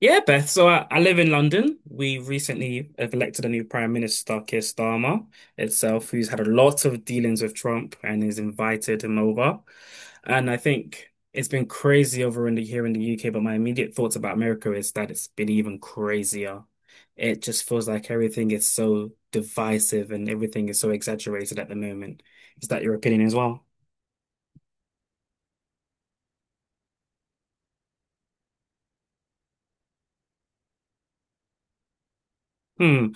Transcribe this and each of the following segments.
Yeah, Beth. So I live in London. We recently have elected a new Prime Minister, Keir Starmer itself, who's had a lot of dealings with Trump and has invited him over. And I think it's been crazy over in the UK, but my immediate thoughts about America is that it's been even crazier. It just feels like everything is so divisive and everything is so exaggerated at the moment. Is that your opinion as well? Hmm.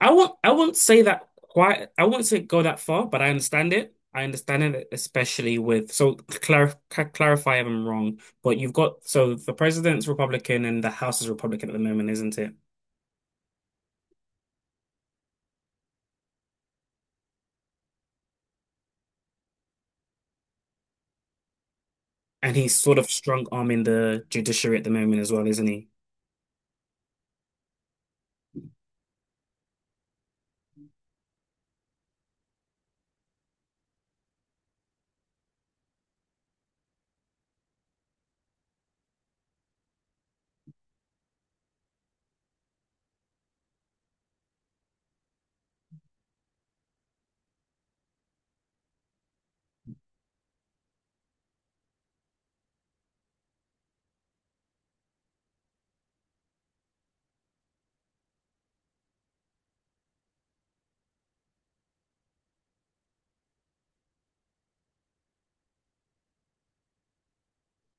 I won't say that quite, I won't say go that far, but I understand it. I understand it, especially with so clarify if I'm wrong, but you've got, so the president's Republican and the House is Republican at the moment, isn't it? And he's sort of strong arming the judiciary at the moment as well, isn't he?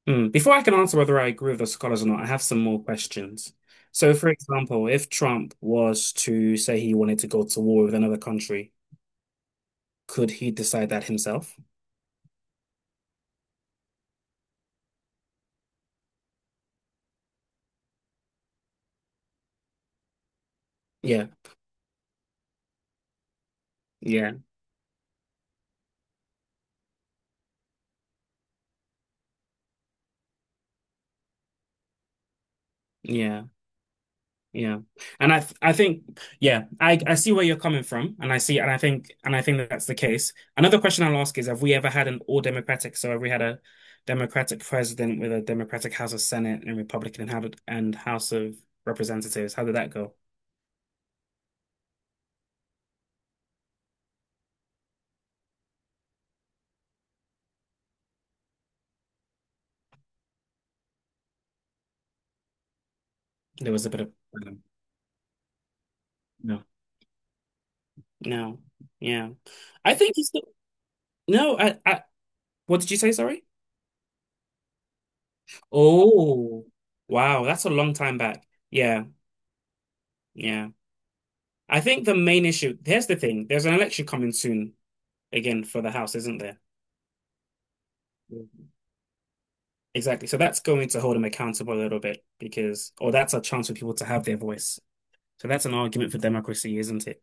Hmm. Before I can answer whether I agree with the scholars or not, I have some more questions. So, for example, if Trump was to say he wanted to go to war with another country, could he decide that himself? Yeah, yeah, yeah. Yeah. And I think, yeah, I see where you're coming from, and I see and I think that that's the case. Another question I'll ask is, have we ever had an all democratic, have we had a democratic president with a democratic House of Senate and Republican and how did, and House of Representatives? How did that go? There was a bit of, no. No. Yeah. I think it's still, no, I, what did you say, sorry? Oh, wow, that's a long time back. Yeah, yeah. I think the main issue, here's the thing, there's an election coming soon again for the house, isn't there? Yeah. Exactly. So that's going to hold them accountable a little bit because, or that's a chance for people to have their voice. So that's an argument for democracy, isn't it?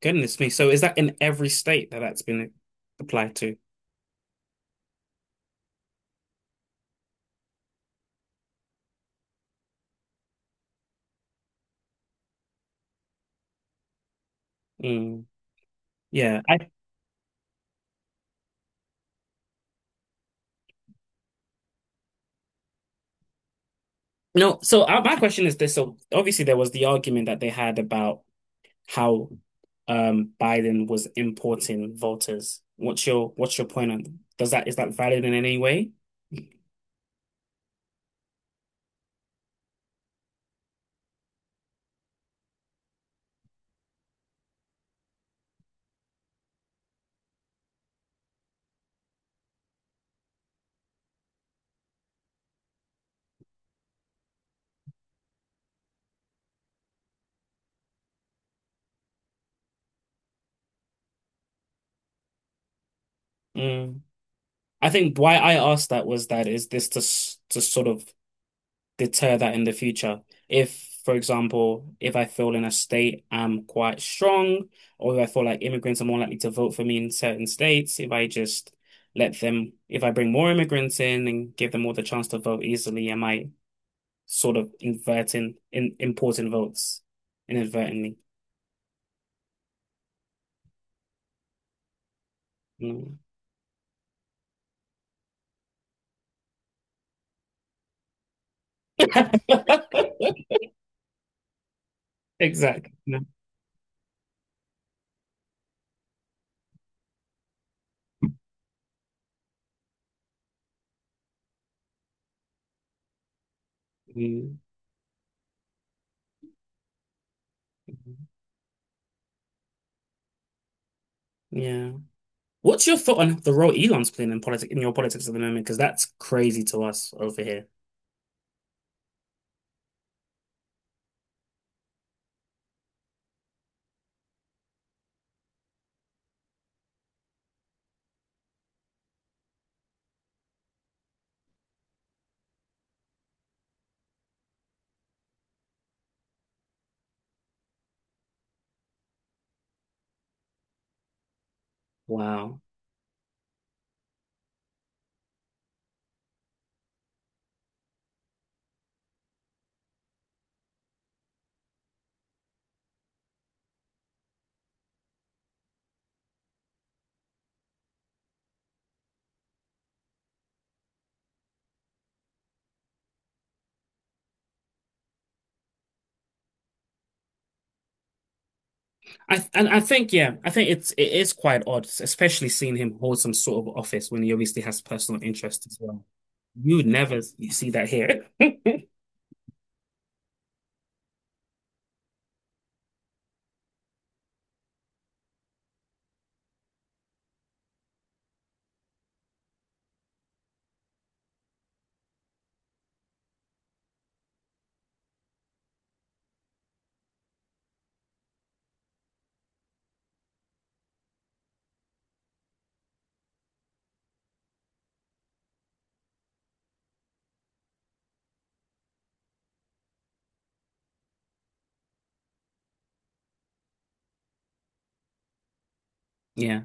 Goodness me. So is that in every state that that's been applied to? Mm, yeah. I no. So my question is this. So obviously there was the argument that they had about how, Biden was importing voters. What's your, what's your point on, does that, is that valid in any way? Mm. I think why I asked that was that, is this to to sort of deter that in the future. If, for example, if I feel in a state I'm quite strong, or if I feel like immigrants are more likely to vote for me in certain states, if I just let them, if I bring more immigrants in and give them all the chance to vote easily, am I sort of inverting in importing votes inadvertently? Mm. Exactly. No. Mm. Yeah. What's your thought on the role Elon's playing in politics, in your politics at the moment? Because that's crazy to us over here. Wow. I and I think, yeah, I think it's, it is quite odd, especially seeing him hold some sort of office when he obviously has personal interest as well. You would never You see that here. Yeah. Yeah.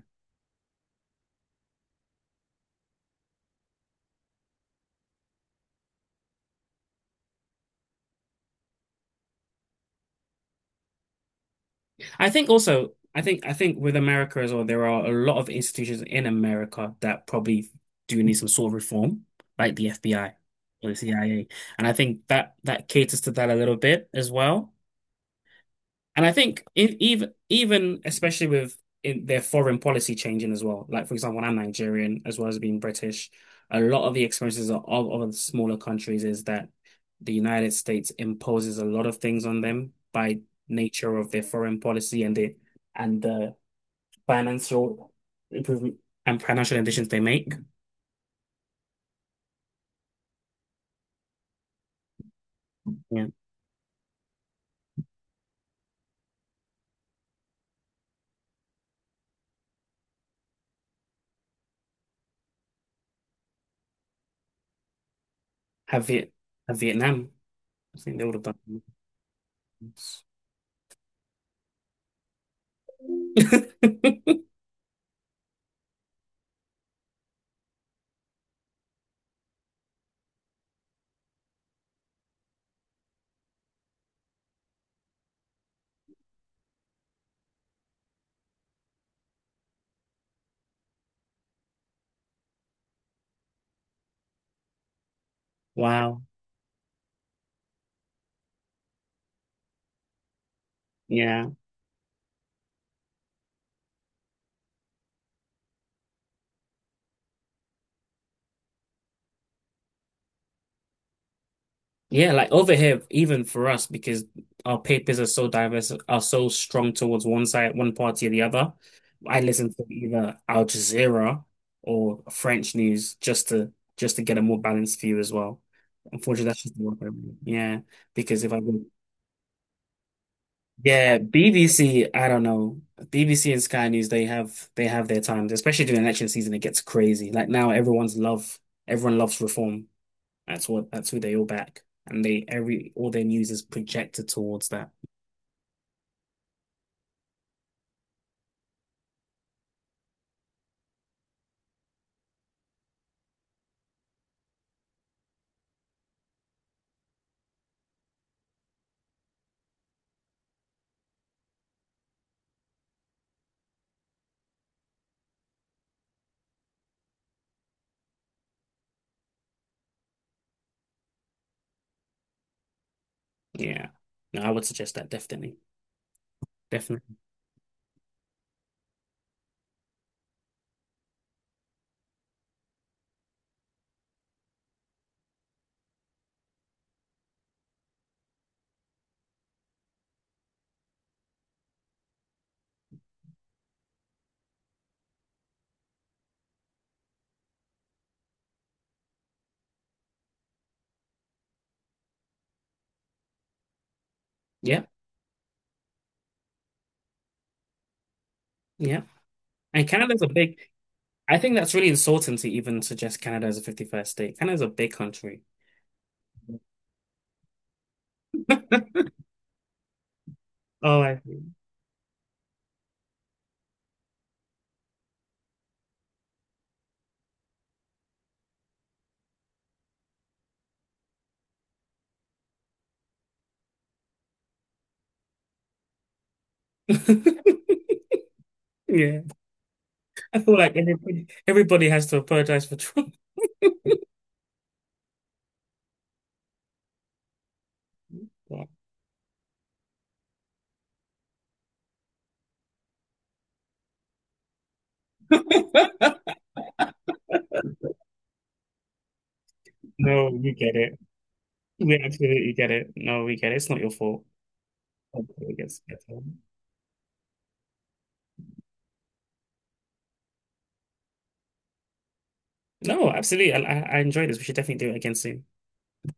I think also, I think with America as well, there are a lot of institutions in America that probably do need some sort of reform, like the FBI or the CIA. And I think that that caters to that a little bit as well. And I think if, even especially with, in their foreign policy changing as well, like for example, I'm Nigerian as well as being British. A lot of the experiences of other smaller countries is that the United States imposes a lot of things on them by nature of their foreign policy, and the and the financial improvement and financial additions they make. Yeah, have Viet have Vietnam. I think they would have done. Wow. Yeah. Yeah, like over here, even for us, because our papers are so diverse, are so strong towards one side, one party or the other. I listen to either Al Jazeera or French news, just to get a more balanced view as well. Unfortunately, that's just the work I do. Yeah, because if I go, yeah, BBC, I don't know, BBC and Sky News, they have their times, especially during election season. It gets crazy. Like now, everyone loves reform. That's who they all back, and they every all their news is projected towards that. Yeah, no, I would suggest that definitely, definitely. Yeah, yeah. And Canada's a big. I think that's really insulting to even suggest Canada as a 51st state. Canada's a big country. Oh, I, yeah. I feel like everybody has to apologize for Trump. No, you get it. We absolutely get it. No, we get it. It's not your fault. Hopefully it gets better. No, absolutely. I enjoyed this. We should definitely do it again soon.